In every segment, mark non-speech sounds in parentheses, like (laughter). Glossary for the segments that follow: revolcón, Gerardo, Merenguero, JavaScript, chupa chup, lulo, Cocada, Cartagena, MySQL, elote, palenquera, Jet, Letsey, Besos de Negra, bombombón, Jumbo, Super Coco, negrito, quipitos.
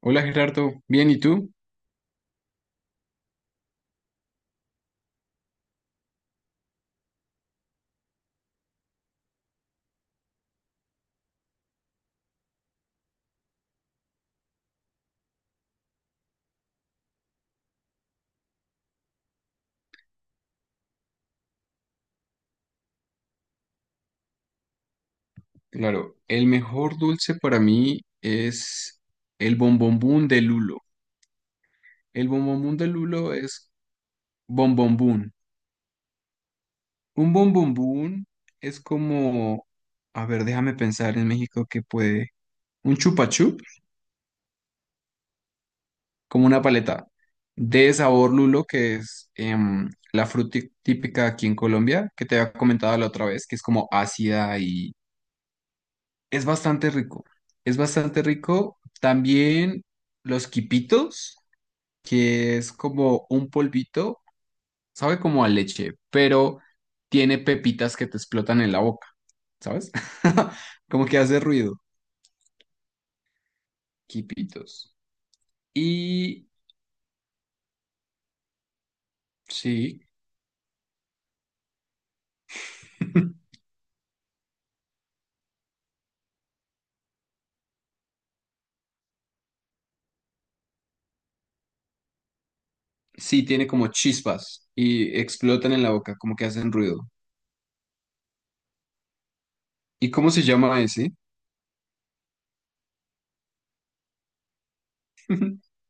Hola Gerardo, bien, ¿y tú? Claro, el mejor dulce para mí es el bombombón de lulo. El bombombón de lulo es bombombón. Un bombombón es como, a ver, déjame pensar en México que puede, un chupa chup, como una paleta de sabor lulo que es la fruta típica aquí en Colombia, que te había comentado la otra vez, que es como ácida. Es bastante rico, es bastante rico. También los quipitos, que es como un polvito, sabe como a leche, pero tiene pepitas que te explotan en la boca, ¿sabes? (laughs) Como que hace ruido, quipitos. Y sí, (laughs) sí, tiene como chispas y explotan en la boca, como que hacen ruido. ¿Y cómo se llama ese? (laughs)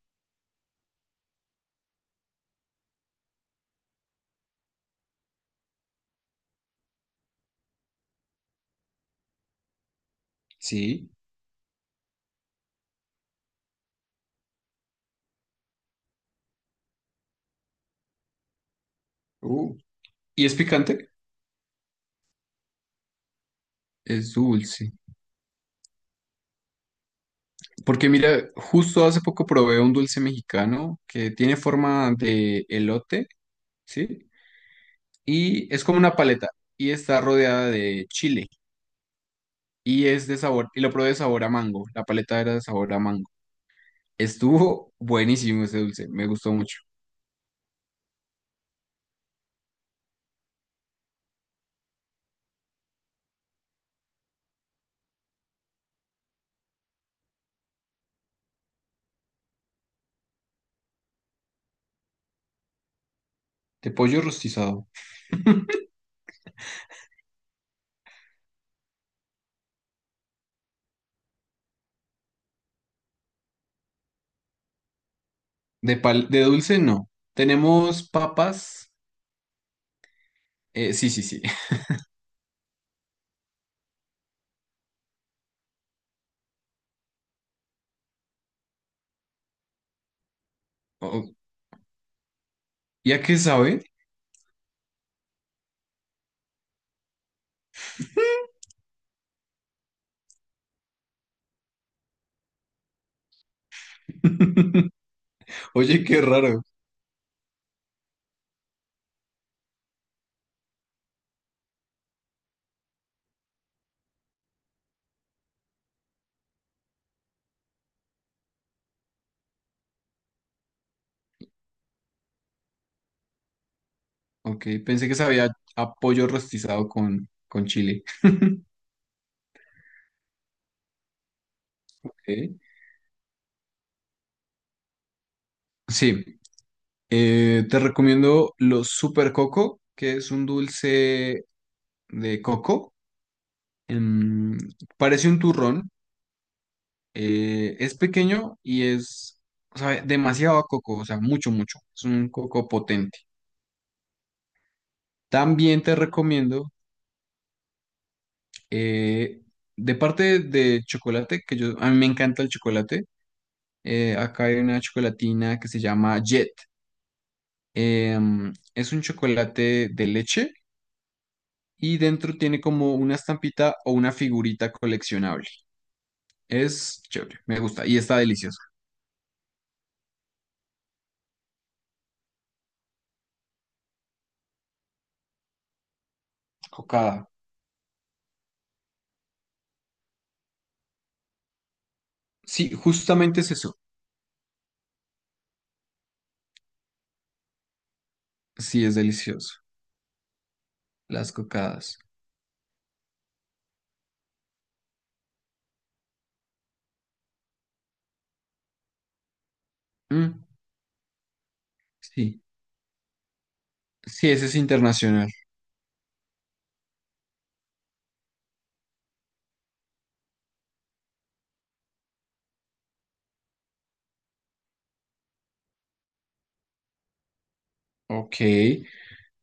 Sí. Uh. ¿Y es picante? Es dulce. Porque mira, justo hace poco probé un dulce mexicano que tiene forma de elote, ¿sí? Y es como una paleta y está rodeada de chile y es de sabor, y lo probé de sabor a mango, la paleta era de sabor a mango. Estuvo buenísimo ese dulce, me gustó mucho. De pollo rostizado. De, de dulce no. Tenemos papas, sí, sí, sí. (laughs) Oh, ¿y a qué sabe? (laughs) Oye, qué raro. Ok, pensé que sabía a pollo rostizado con chile. Ok. Sí, te recomiendo los Super Coco, que es un dulce de coco. Em, parece un turrón, es pequeño y es, sabe demasiado a coco, o sea, mucho, mucho. Es un coco potente. También te recomiendo, eh, de parte de chocolate, que a mí me encanta el chocolate. Eh, acá hay una chocolatina que se llama Jet. Es un chocolate de leche y dentro tiene como una estampita o una figurita coleccionable. Es chévere, me gusta y está delicioso. Cocada. Sí, justamente es eso. Sí, es delicioso. Las cocadas. Mm, sí, sí, ese es internacional. Ok.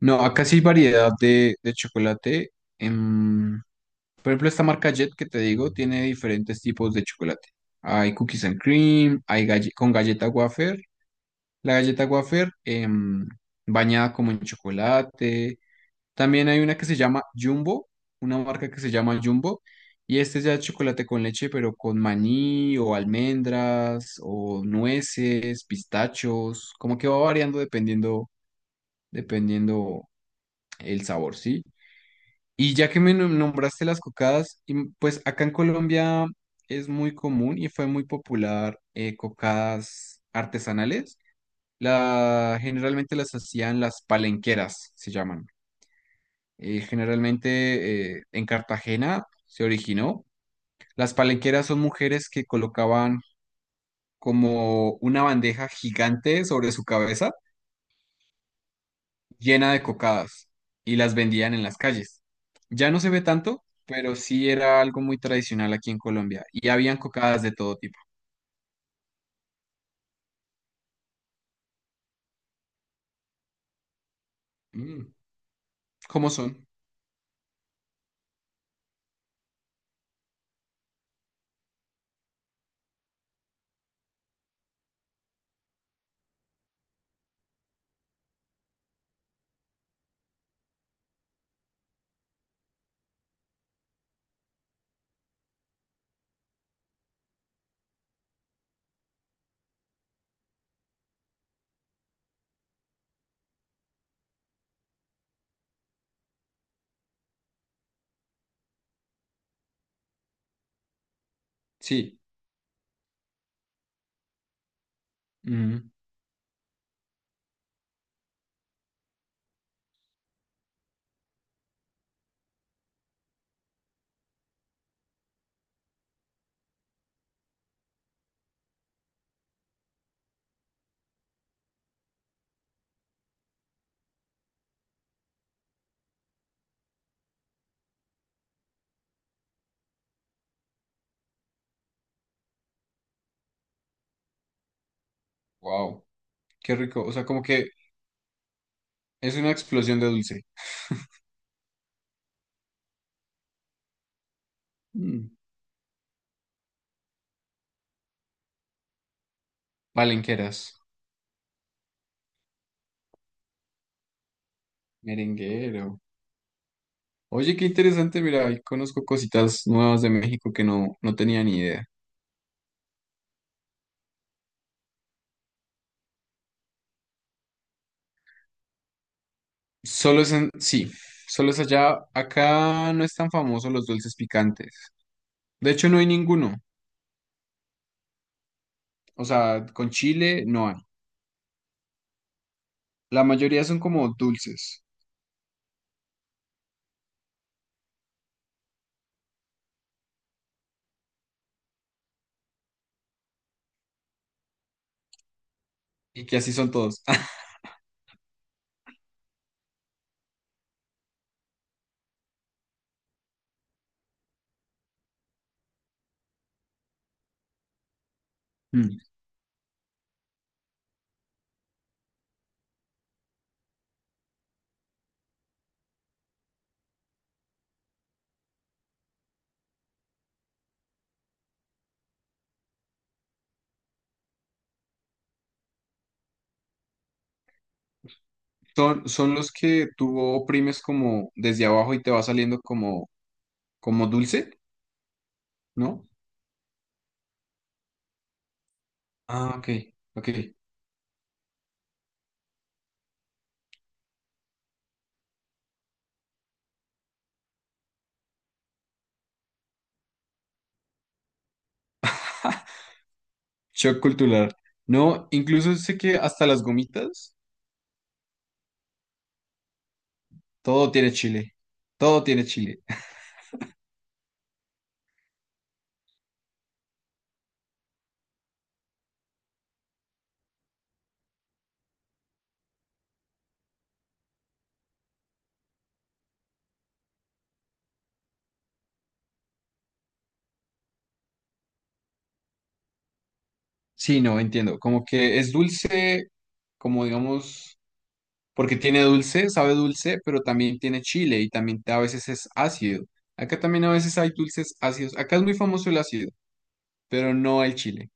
No, acá sí hay variedad de chocolate. Em, por ejemplo, esta marca Jet que te digo tiene diferentes tipos de chocolate. Hay cookies and cream, hay con galleta wafer. La galleta wafer bañada como en chocolate. También hay una que se llama Jumbo, una marca que se llama Jumbo, y este ya es chocolate con leche, pero con maní o almendras o nueces, pistachos, como que va variando dependiendo, dependiendo el sabor, ¿sí? Y ya que me nombraste las cocadas, y pues acá en Colombia es muy común y fue muy popular, cocadas artesanales. Generalmente las hacían las palenqueras, se llaman. Generalmente en Cartagena se originó. Las palenqueras son mujeres que colocaban como una bandeja gigante sobre su cabeza llena de cocadas y las vendían en las calles. Ya no se ve tanto, pero sí era algo muy tradicional aquí en Colombia y habían cocadas de todo tipo. Mm, ¿cómo son? Sí. Wow, qué rico. O sea, como que es una explosión de dulce. Mm. Palenqueras. Merenguero. Oye, qué interesante, mira, ahí conozco cositas nuevas de México que no, no tenía ni idea. Solo es en, sí, solo es allá, acá no es tan famoso los dulces picantes. De hecho, no hay ninguno. O sea, con chile no hay. La mayoría son como dulces y que así son todos. (laughs) Mm. Son, son los que tú oprimes como desde abajo y te va saliendo como, como dulce, ¿no? Ah, ok, ok. Shock cultural. No, incluso sé que hasta las gomitas. Todo tiene chile, todo tiene chile. (laughs) Sí, no, entiendo. Como que es dulce, como digamos, porque tiene dulce, sabe dulce, pero también tiene chile y también a veces es ácido. Acá también a veces hay dulces ácidos. Acá es muy famoso el ácido, pero no el chile.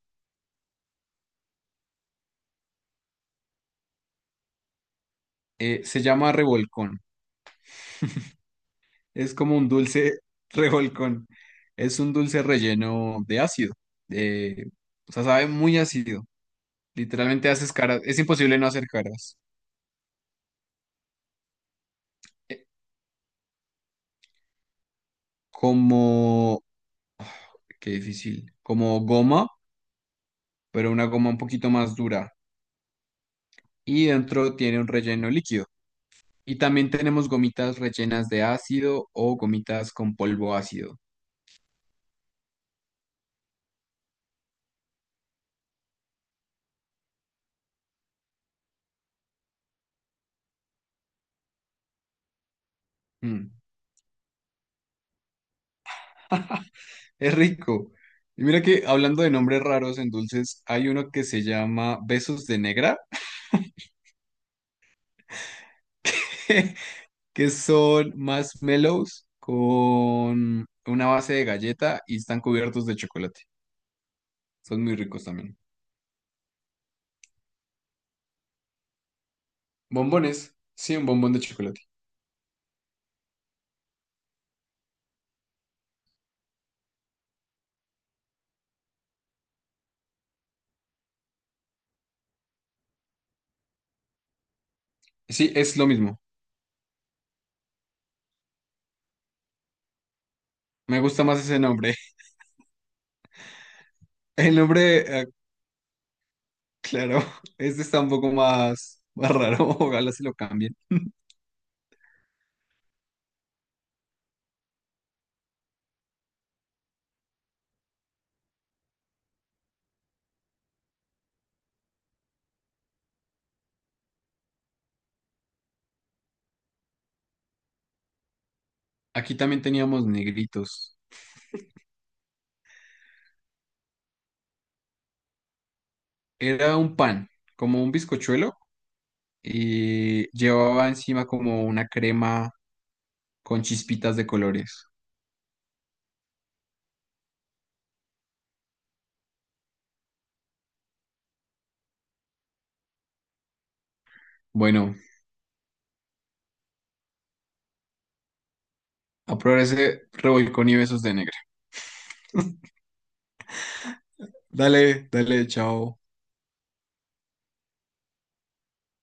Se llama revolcón. Es como un dulce (laughs) revolcón. Es un dulce relleno de ácido. Eh, o sea, sabe muy ácido. Literalmente haces caras. Es imposible no hacer caras. Eh, como, qué difícil. Como goma, pero una goma un poquito más dura. Y dentro tiene un relleno líquido. Y también tenemos gomitas rellenas de ácido o gomitas con polvo ácido. Mm. Es rico. Y mira que hablando de nombres raros en dulces, hay uno que se llama Besos de Negra, (laughs) que son marshmallows con una base de galleta y están cubiertos de chocolate. Son muy ricos también. Bombones. Sí, un bombón de chocolate. Sí, es lo mismo. Me gusta más ese nombre. El nombre, claro, (laughs) este está un poco más, más raro, (laughs) ojalá se lo cambien. Aquí también teníamos negritos. Era un pan, como un bizcochuelo, y llevaba encima como una crema con chispitas de colores. Bueno, a probar ese revolcón y besos de negra. Dale, dale, chao.